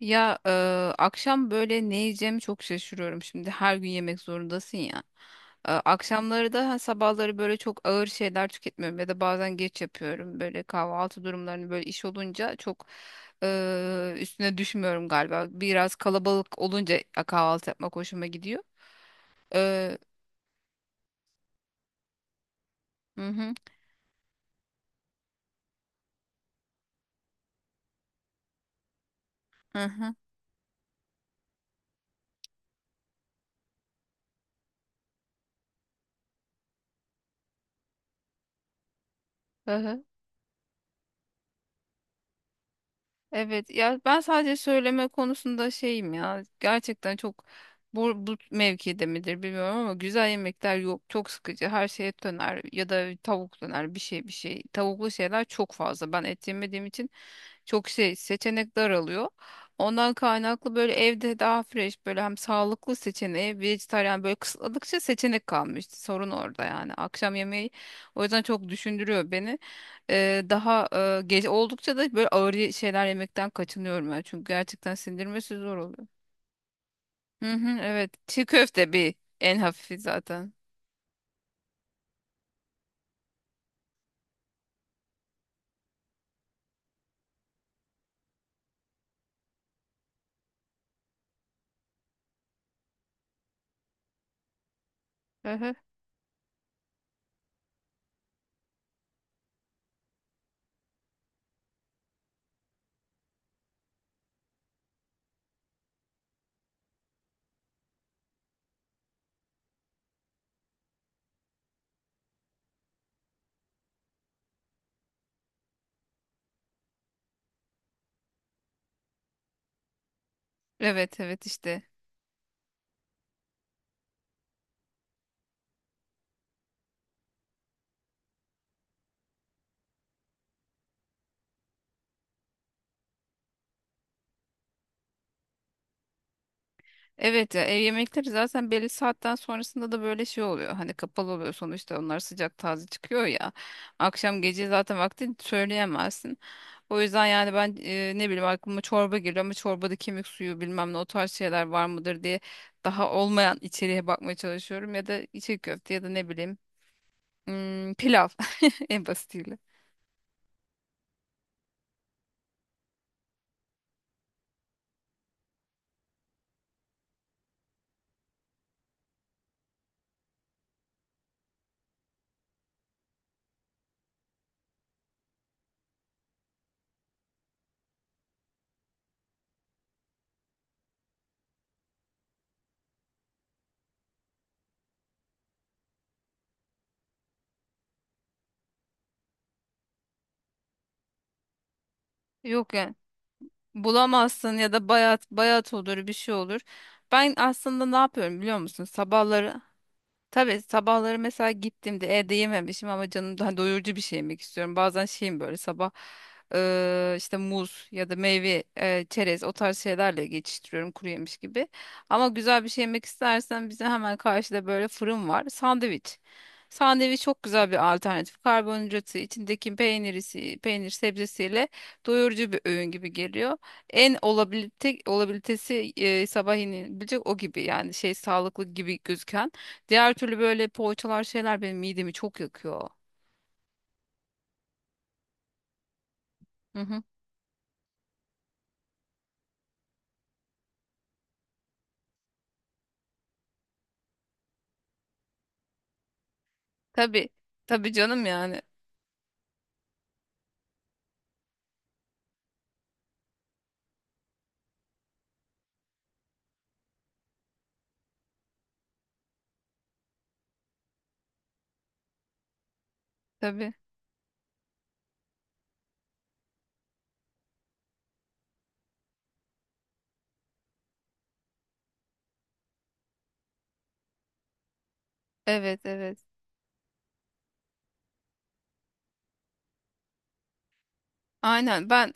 Ya e, Akşam böyle ne yiyeceğimi çok şaşırıyorum. Şimdi her gün yemek zorundasın ya. Akşamları da ha, sabahları böyle çok ağır şeyler tüketmiyorum ya da bazen geç yapıyorum. Böyle kahvaltı durumlarını böyle iş olunca çok üstüne düşmüyorum galiba. Biraz kalabalık olunca kahvaltı yapmak hoşuma gidiyor. E, hı hı, hı hı, hı hı. Evet ya ben sadece söyleme konusunda şeyim ya gerçekten çok bu mevkide midir bilmiyorum ama güzel yemekler yok, çok sıkıcı her şey, et döner ya da tavuk döner, bir şey tavuklu şeyler çok fazla, ben et yemediğim için çok şey seçenek daralıyor. Ondan kaynaklı böyle evde daha fresh, böyle hem sağlıklı seçeneği vejetaryen böyle kısıtladıkça seçenek kalmıştı. Sorun orada yani. Akşam yemeği o yüzden çok düşündürüyor beni. Daha gece oldukça da böyle ağır şeyler yemekten kaçınıyorum ben. Çünkü gerçekten sindirmesi zor oluyor. Hı hı, evet. Çiğ köfte bir en hafifi zaten. Hı hı. Evet evet işte. Evet ya, ev yemekleri zaten belli saatten sonrasında da böyle şey oluyor. Hani kapalı oluyor sonuçta, onlar sıcak taze çıkıyor ya. Akşam gece zaten vakti söyleyemezsin. O yüzden yani ben ne bileyim aklıma çorba geliyor, ama çorbada kemik suyu bilmem ne o tarz şeyler var mıdır diye daha olmayan içeriğe bakmaya çalışıyorum. Ya da içli köfte, ya da ne bileyim pilav en basitiyle. Yok yani, bulamazsın ya da bayat bayat olur, bir şey olur. Ben aslında ne yapıyorum biliyor musun? Sabahları, tabii sabahları mesela gittiğimde evde yememişim ama canım daha doyurucu bir şey yemek istiyorum. Bazen şeyim böyle sabah işte muz ya da meyve, çerez, o tarz şeylerle geçiştiriyorum, kuru yemiş gibi. Ama güzel bir şey yemek istersen, bize hemen karşıda böyle fırın var. Sandviç. Sandviç çok güzel bir alternatif. Karbonhidratı, içindeki peynirisi, peynir sebzesiyle doyurucu bir öğün gibi geliyor. En olabilite, olabilitesi sabah yenilebilecek o gibi, yani şey, sağlıklı gibi gözüken. Diğer türlü böyle poğaçalar şeyler benim midemi çok yakıyor. Hı hı. Tabii. Tabii canım yani. Tabii. Evet evet. Aynen, ben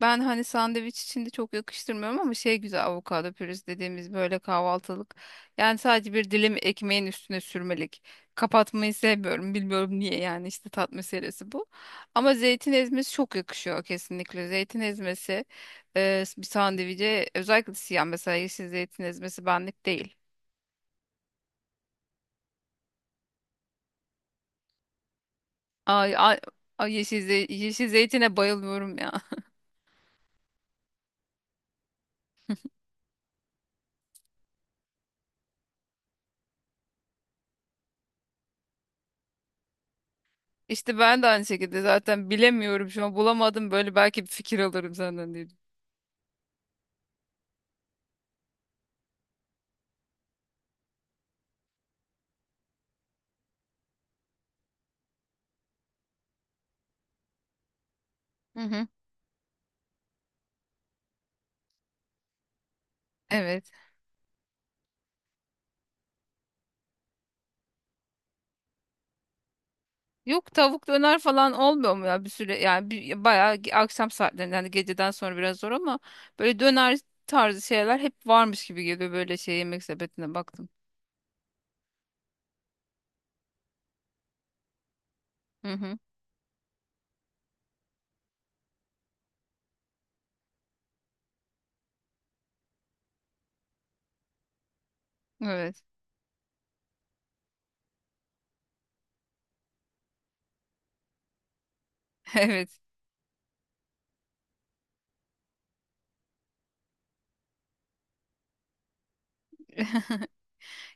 ben hani sandviç içinde çok yakıştırmıyorum, ama şey güzel avokado pürüz dediğimiz böyle kahvaltılık. Yani sadece bir dilim ekmeğin üstüne sürmelik. Kapatmayı sevmiyorum. Bilmiyorum niye, yani işte tat meselesi bu. Ama zeytin ezmesi çok yakışıyor kesinlikle. Zeytin ezmesi bir sandviçe, özellikle siyah, mesela yeşil zeytin ezmesi benlik değil. Ay, ay, ay, yeşil, yeşil zeytine bayılıyorum ya. İşte ben de aynı şekilde zaten bilemiyorum şu an, bulamadım böyle, belki bir fikir alırım senden diye. Hı hı. Evet. Yok, tavuk döner falan olmuyor mu ya bir süre, yani bir, bayağı akşam saatlerinde, yani geceden sonra biraz zor, ama böyle döner tarzı şeyler hep varmış gibi geliyor, böyle şey yemek sepetine baktım. Hı hı. Evet. Evet.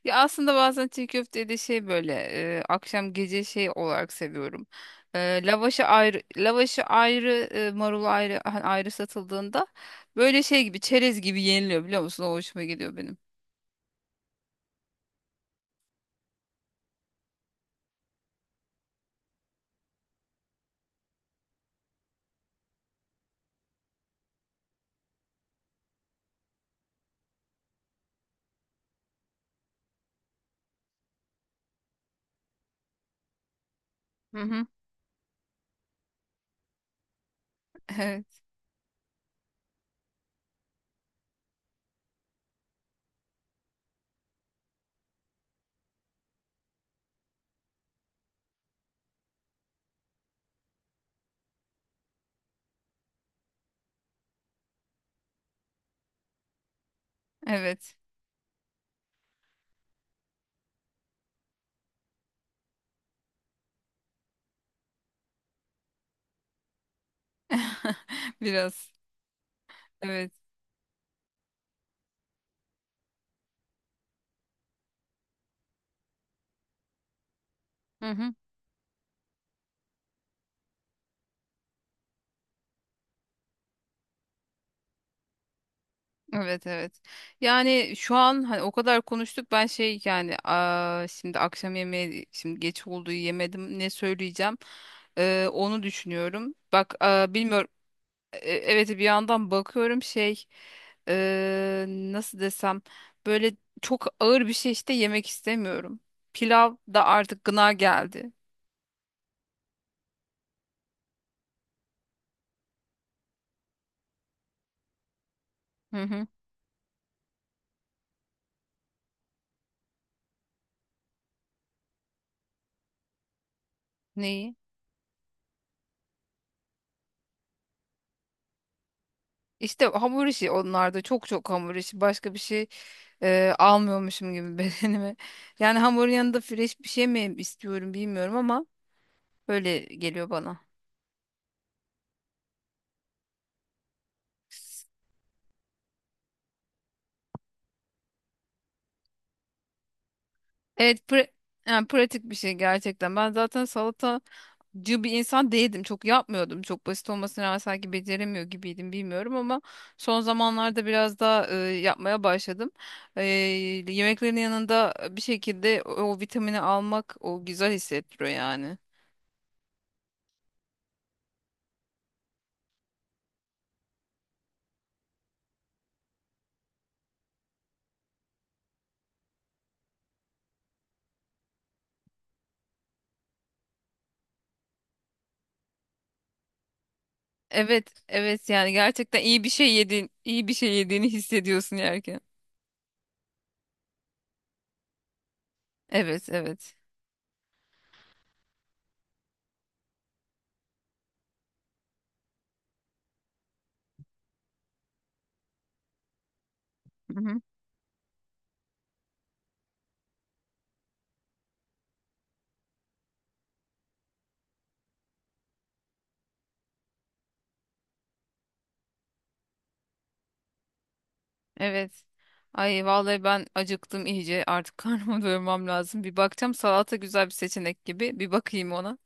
Ya aslında bazen çiğ köfteyi de şey böyle akşam gece şey olarak seviyorum. E, lavaşı ayrı, lavaşı ayrı, marulu ayrı, hani ayrı satıldığında böyle şey gibi, çerez gibi yeniliyor biliyor musun? O hoşuma gidiyor benim. Hı hı. Evet, evet. Biraz. Evet. Hı hı. Evet, evet. Yani şu an hani o kadar konuştuk, ben şey yani, aa, şimdi akşam yemeği, şimdi geç olduğu yemedim, ne söyleyeceğim, onu düşünüyorum. Bak aa, bilmiyorum. Evet bir yandan bakıyorum şey nasıl desem, böyle çok ağır bir şey işte yemek istemiyorum. Pilav da artık gına geldi. Hı hı. Neyi? İşte hamur işi, onlarda çok çok hamur işi başka bir şey almıyormuşum gibi bedenime. Yani hamurun yanında fresh bir şey mi istiyorum bilmiyorum, ama öyle geliyor bana. Evet, yani pratik bir şey gerçekten. Ben zaten salata cı bir insan değildim. Çok yapmıyordum. Çok basit olmasına rağmen sanki beceremiyor gibiydim, bilmiyorum, ama son zamanlarda biraz daha yapmaya başladım. E, yemeklerin yanında bir şekilde o vitamini almak, o güzel hissettiriyor yani. Evet, evet, yani gerçekten iyi bir şey yedin, iyi bir şey yediğini hissediyorsun yerken. Evet, evet. Hı hı. Evet. Ay vallahi ben acıktım iyice. Artık karnımı doyurmam lazım. Bir bakacağım, salata güzel bir seçenek gibi. Bir bakayım ona.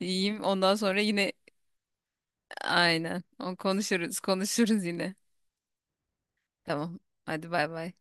Yiyeyim. Ondan sonra yine aynen. O, konuşuruz yine. Tamam. Hadi bay bay.